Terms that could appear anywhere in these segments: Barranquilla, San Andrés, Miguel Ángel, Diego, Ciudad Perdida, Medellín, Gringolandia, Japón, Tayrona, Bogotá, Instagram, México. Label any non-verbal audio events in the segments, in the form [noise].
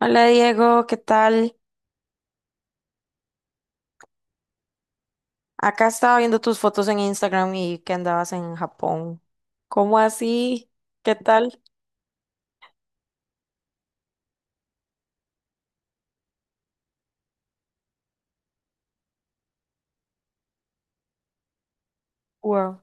Hola, Diego, ¿qué tal? Acá estaba viendo tus fotos en Instagram y que andabas en Japón. ¿Cómo así? ¿Qué tal? Wow.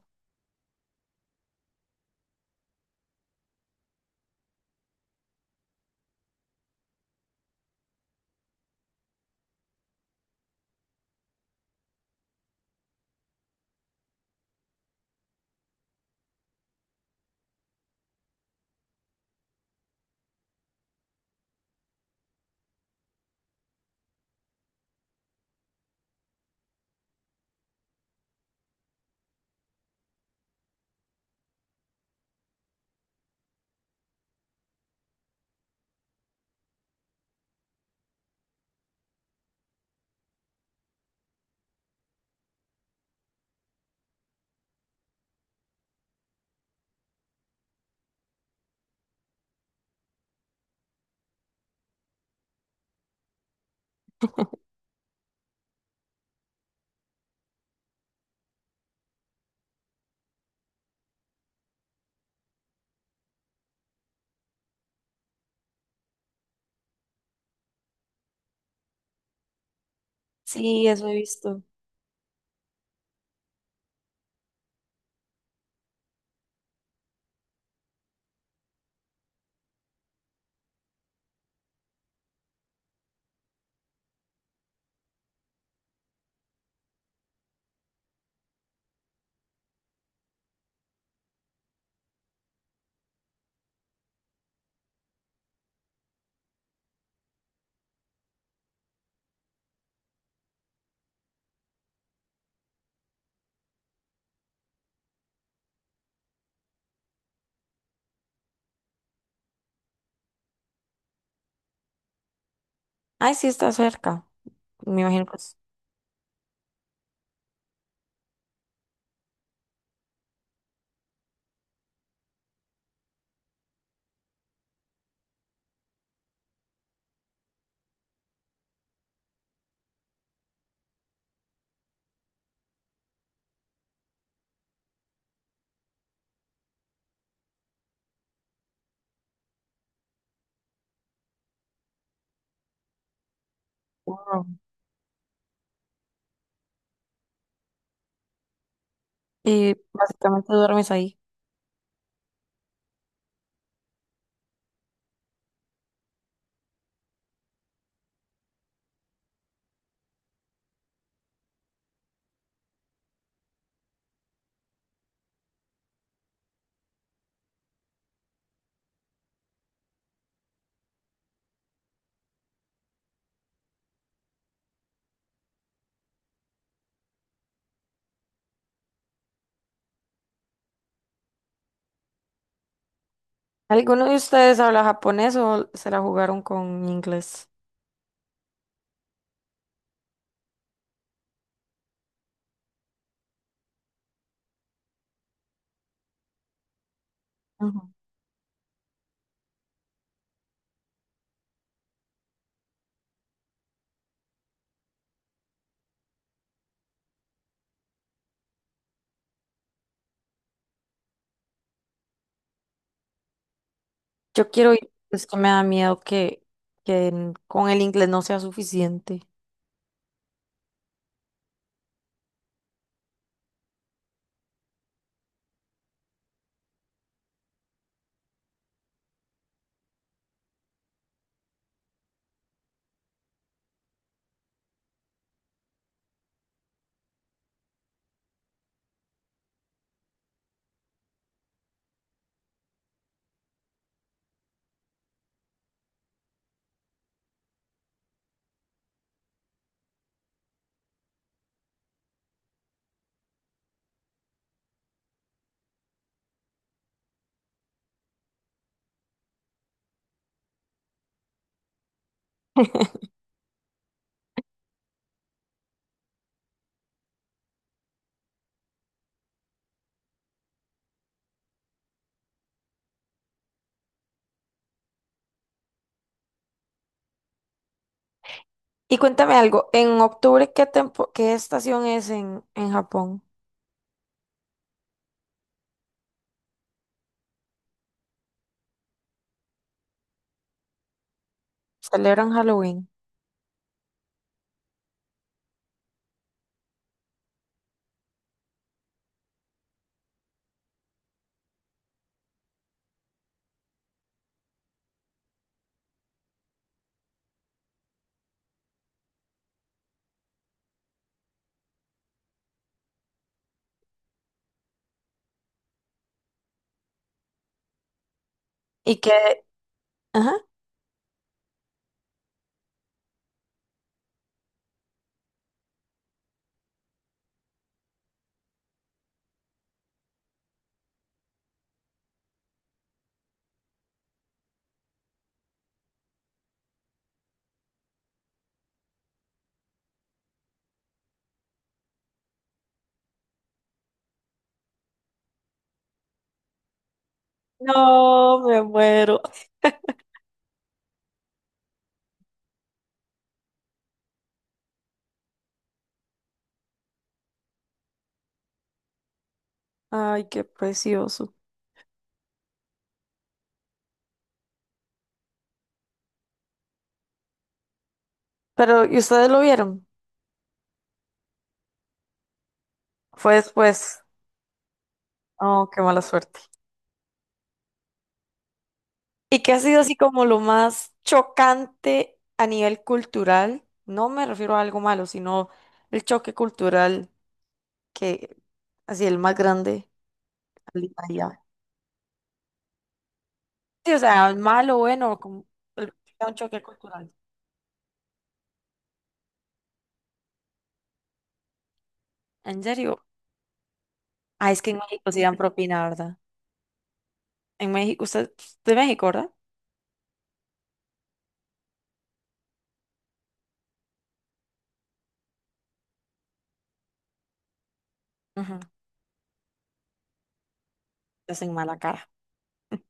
Sí, eso he visto. Ay, sí, está cerca. Me imagino que es- Wow. Y básicamente duermes ahí. ¿Alguno de ustedes habla japonés o se la jugaron con inglés? Ujú. Yo quiero ir, es que me da miedo que con el inglés no sea suficiente. [laughs] Y cuéntame algo, ¿en octubre qué tempo, qué estación es en Japón? Celebran Halloween. Y que, ajá. No, me muero. Ay, qué precioso. Pero, ¿y ustedes lo vieron? Fue después. Oh, qué mala suerte. ¿Y qué ha sido así como lo más chocante a nivel cultural? No me refiero a algo malo, sino el choque cultural que, así, el más grande. Al- allá. Sí, o sea, malo, bueno, como el- un choque cultural. ¿En serio? Ah, es que en México sí dan propina, ¿verdad? En México, usted es de México, ¿verdad? Te hacen mala cara. [laughs]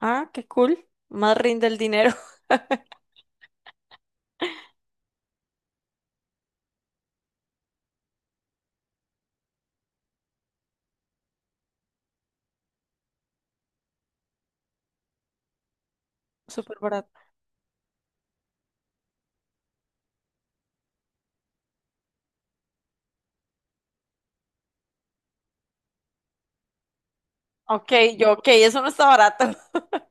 Ah, qué cool. Más rinde el dinero. [laughs] Súper barato. Ok, yo, ok, eso no está barato. [laughs]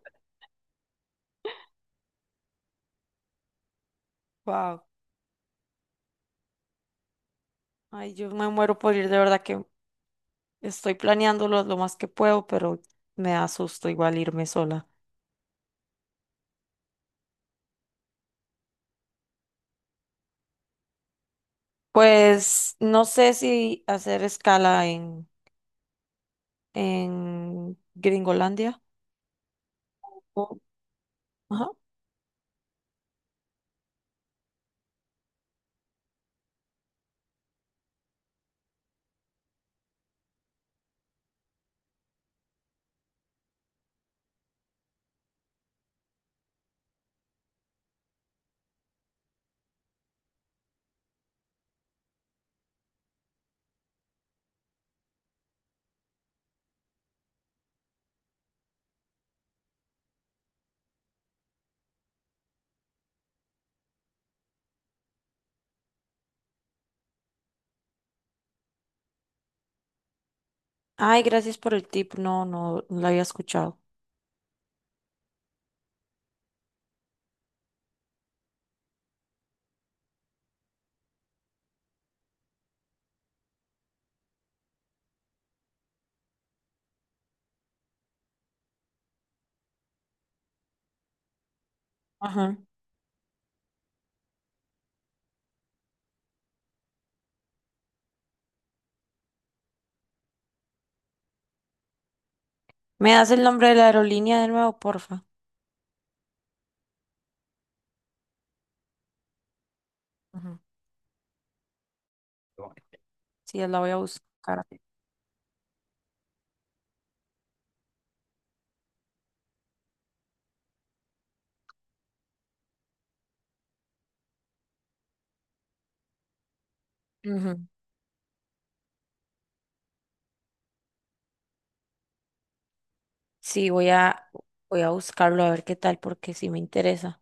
Wow. Ay, yo me muero por ir, de verdad que estoy planeándolo lo más que puedo, pero me da susto igual irme sola. Pues no sé si hacer escala en Gringolandia. O- ajá. Ay, gracias por el tip. No, no lo había escuchado. Ajá. ¿Me das el nombre de la aerolínea de nuevo, porfa? Ajá. Sí, la voy a buscar. Ujú. Sí, voy a buscarlo a ver qué tal, porque sí me interesa.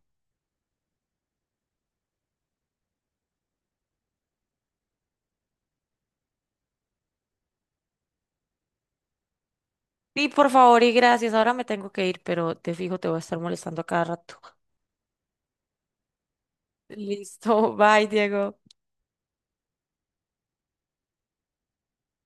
Sí, por favor y gracias. Ahora me tengo que ir, pero te fijo, te voy a estar molestando a cada rato. [laughs] Listo, bye, Diego.